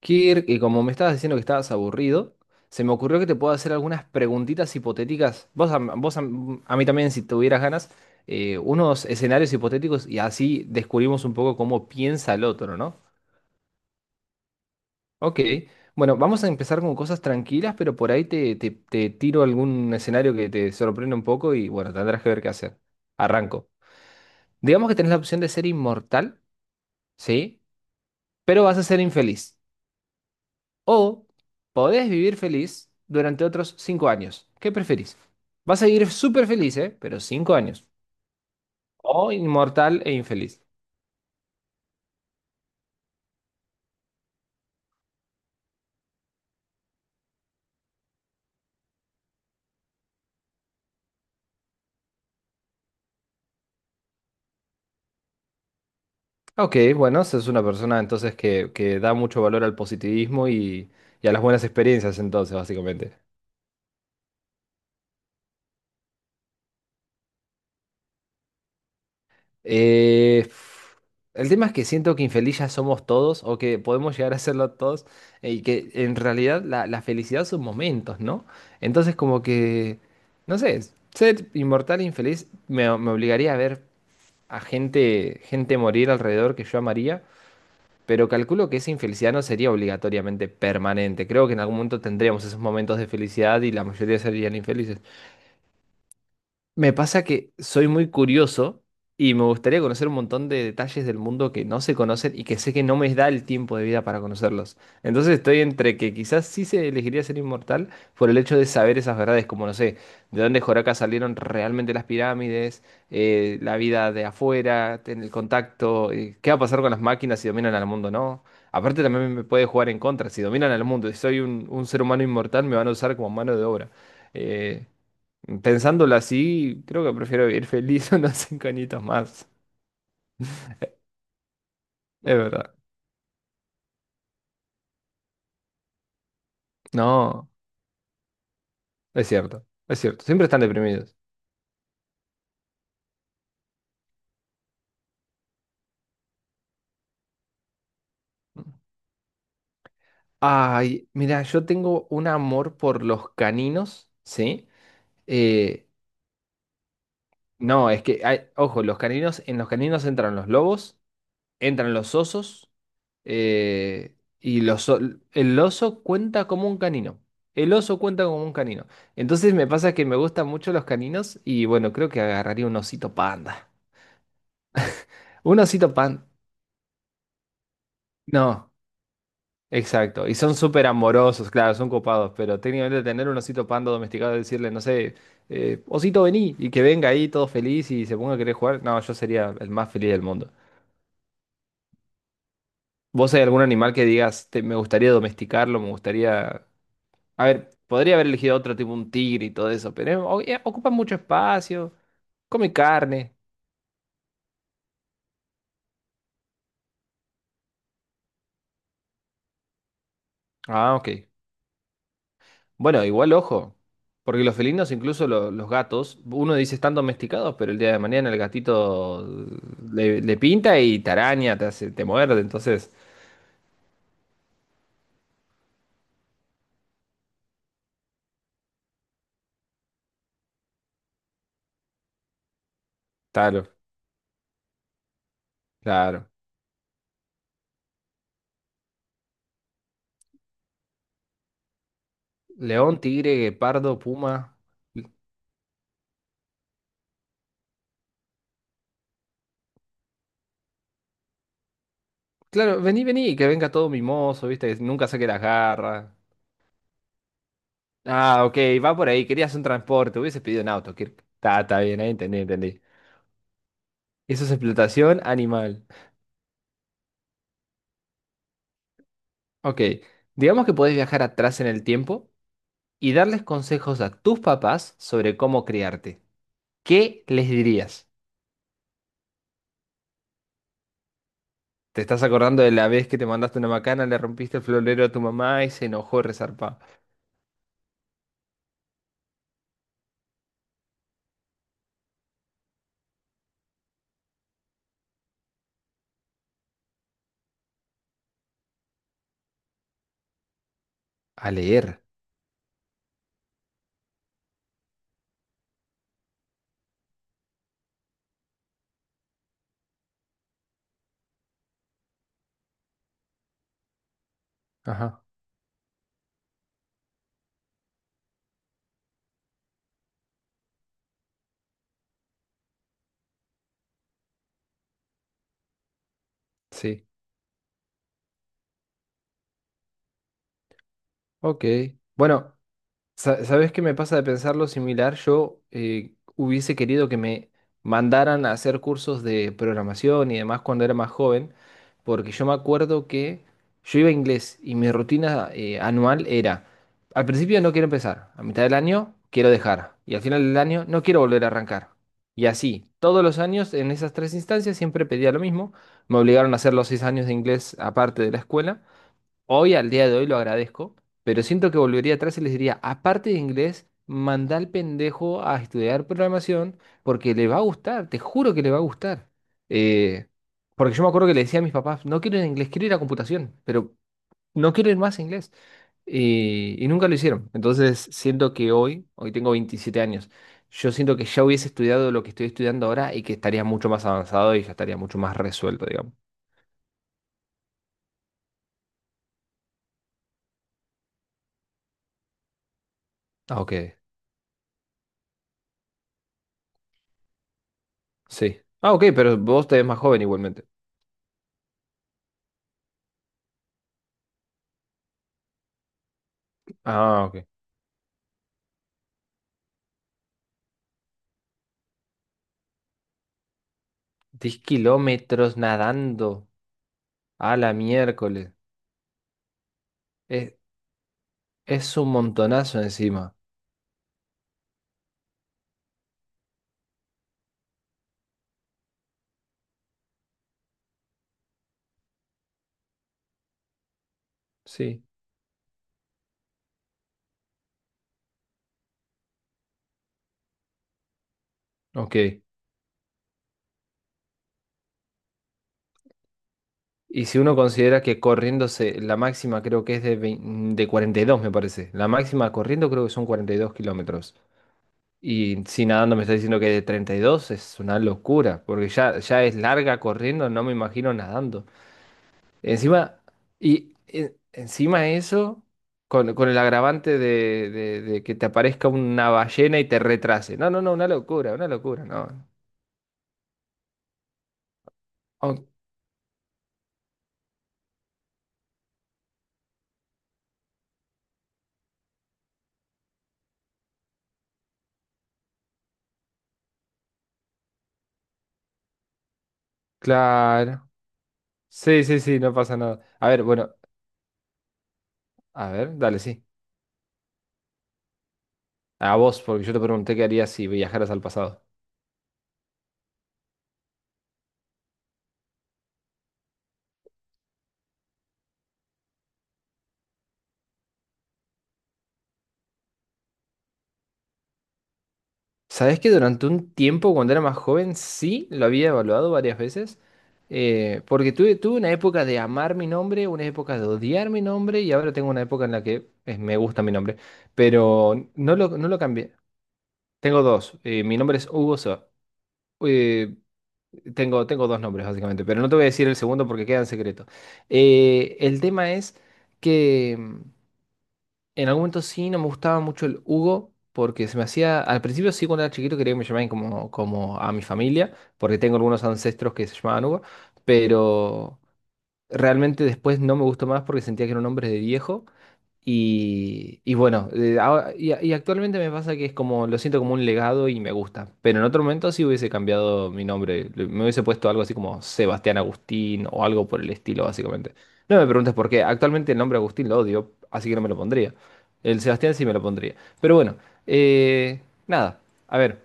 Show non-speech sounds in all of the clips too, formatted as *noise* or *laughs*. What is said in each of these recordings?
Kirk, y como me estabas diciendo que estabas aburrido, se me ocurrió que te puedo hacer algunas preguntitas hipotéticas. A mí también, si tuvieras ganas, unos escenarios hipotéticos y así descubrimos un poco cómo piensa el otro, ¿no? Ok, bueno, vamos a empezar con cosas tranquilas, pero por ahí te tiro algún escenario que te sorprenda un poco y bueno, tendrás que ver qué hacer. Arranco. Digamos que tenés la opción de ser inmortal, ¿sí? Pero vas a ser infeliz. O podés vivir feliz durante otros 5 años. ¿Qué preferís? Vas a vivir súper feliz, ¿eh? Pero 5 años. O inmortal e infeliz. Ok, bueno, esa es una persona entonces que da mucho valor al positivismo y a las buenas experiencias entonces, básicamente. Eh, el tema es que siento que infeliz ya somos todos o que podemos llegar a serlo todos y que en realidad la felicidad son momentos, ¿no? Entonces como que, no sé, ser inmortal e infeliz me obligaría a ver a gente morir alrededor que yo amaría, pero calculo que esa infelicidad no sería obligatoriamente permanente. Creo que en algún momento tendríamos esos momentos de felicidad y la mayoría serían infelices. Me pasa que soy muy curioso y me gustaría conocer un montón de detalles del mundo que no se conocen y que sé que no me da el tiempo de vida para conocerlos. Entonces estoy entre que quizás sí se elegiría ser inmortal por el hecho de saber esas verdades, como no sé, de dónde Joraca salieron realmente las pirámides, la vida de afuera, en el contacto, qué va a pasar con las máquinas si dominan al mundo, ¿no? Aparte también me puede jugar en contra, si dominan al mundo y soy un ser humano inmortal me van a usar como mano de obra. Eh, Pensándolo así, creo que prefiero vivir feliz *laughs* unos 5 añitos más. Es verdad. No, es cierto, es cierto. Siempre están deprimidos. Ay, mira, yo tengo un amor por los caninos, ¿sí? Eh, no, es que, hay, ojo, los caninos, en los caninos entran los lobos, entran los osos, eh, y los, o- el oso cuenta como un canino. El oso cuenta como un canino. Entonces me pasa que me gustan mucho los caninos y bueno, creo que agarraría un osito panda. Un osito pan. No, exacto. Y son súper amorosos, claro, son copados, pero técnicamente tener un osito panda domesticado y decirle, no sé, osito vení, y que venga ahí todo feliz y se ponga a querer jugar, no, yo sería el más feliz del mundo. ¿Vos hay algún animal que digas, me gustaría domesticarlo, me gustaría... A ver, podría haber elegido otro tipo, un tigre y todo eso, pero ocupa mucho espacio, come carne. Ah, ok. Bueno, igual ojo, porque los felinos, incluso los gatos, uno dice están domesticados, pero el día de mañana el gatito le pinta y te araña, te hace, te muerde, entonces, claro, claro. León, tigre, guepardo, puma. Claro, vení, vení, que venga todo mimoso, viste, que nunca saque las garras. Ah, ok, va por ahí, querías un transporte, hubieses pedido un auto, Kirk. Está, está bien, ahí entendí, entendí. Eso es explotación animal. Ok, digamos que podés viajar atrás en el tiempo y darles consejos a tus papás sobre cómo criarte. ¿Qué les dirías? ¿Te estás acordando de la vez que te mandaste una macana, le rompiste el florero a tu mamá y se enojó resarpa? A leer. Ajá. Sí. Ok. Bueno, ¿Sabes qué me pasa de pensar lo similar? Yo hubiese querido que me mandaran a hacer cursos de programación y demás cuando era más joven, porque yo me acuerdo que yo iba a inglés y mi rutina anual era, al principio no quiero empezar, a mitad del año quiero dejar y al final del año no quiero volver a arrancar. Y así, todos los años en esas tres instancias siempre pedía lo mismo, me obligaron a hacer los 6 años de inglés aparte de la escuela. Hoy, al día de hoy, lo agradezco, pero siento que volvería atrás y les diría, aparte de inglés, manda al pendejo a estudiar programación porque le va a gustar, te juro que le va a gustar. Eh, Porque yo me acuerdo que le decía a mis papás, no quiero ir a inglés, quiero ir a computación, pero no quiero ir más a inglés. Y nunca lo hicieron. Entonces, siento que hoy tengo 27 años, yo siento que ya hubiese estudiado lo que estoy estudiando ahora y que estaría mucho más avanzado y ya estaría mucho más resuelto, digamos. Ah, ok. Sí. Ah, ok, pero vos te ves más joven igualmente. Ah, ok. 10 kilómetros nadando a la miércoles. Es, es un montonazo encima. Sí. Ok. Y si uno considera que corriéndose, la máxima creo que es de, de 42 me parece. La máxima corriendo creo que son 42 kilómetros. Y si nadando me está diciendo que es de 32 es una locura. Porque ya, ya es larga corriendo, no me imagino nadando. Encima, y encima eso, con, con el agravante de que te aparezca una ballena y te retrase. No, no, no, una locura, no. Au- claro. Sí, sí, sí, no pasa nada. A ver, bueno, a ver, dale, sí. A vos, porque yo te pregunté qué harías si viajaras al pasado. Sabes que durante un tiempo, cuando era más joven, sí lo había evaluado varias veces. Porque tuve una época de amar mi nombre, una época de odiar mi nombre, y ahora tengo una época en la que me gusta mi nombre. Pero no lo cambié. Tengo dos. Mi nombre es Hugo Soa. eh, tengo dos nombres, básicamente. Pero no te voy a decir el segundo porque queda en secreto. El tema es que. En algún momento sí, no me gustaba mucho el Hugo, porque se me hacía, al principio sí, cuando era chiquito quería que me llamaran como, como a mi familia, porque tengo algunos ancestros que se llamaban Hugo, pero realmente después no me gustó más porque sentía que era un nombre de viejo y bueno, actualmente me pasa que es como, lo siento como un legado y me gusta. Pero en otro momento sí hubiese cambiado mi nombre. Me hubiese puesto algo así como Sebastián Agustín o algo por el estilo, básicamente. No me preguntes por qué. Actualmente el nombre Agustín lo odio, así que no me lo pondría. El Sebastián sí me lo pondría. Pero bueno, eh, nada. A ver,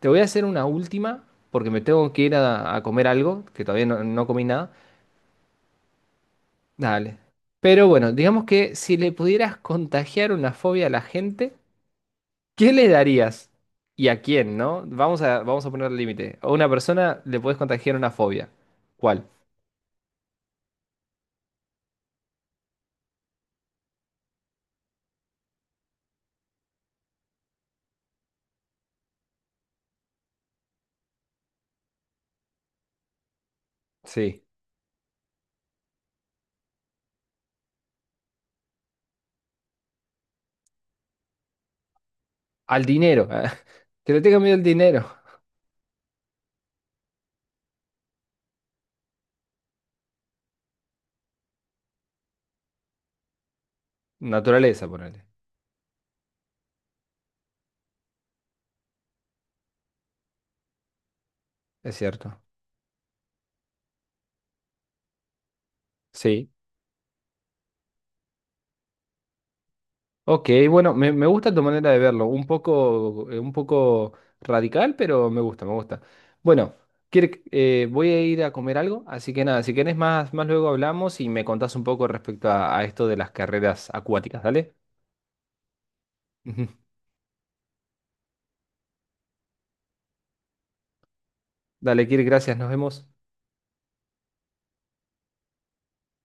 te voy a hacer una última porque me tengo que ir a comer algo, que todavía no comí nada. Dale. Pero bueno, digamos que si le pudieras contagiar una fobia a la gente, ¿qué le darías? ¿Y a quién, no? Vamos a poner el límite. A una persona le puedes contagiar una fobia. ¿Cuál? Sí. Al dinero. *laughs* Que le tenga miedo al dinero. Naturaleza, ponele. Es cierto. Sí. Ok, bueno, me gusta tu manera de verlo, un poco radical, pero me gusta, me gusta. Bueno, voy a ir a comer algo, así que nada, si querés más luego hablamos y me contás un poco respecto a esto de las carreras acuáticas, dale. *laughs* Ujú. Dale, Kirk, gracias, nos vemos.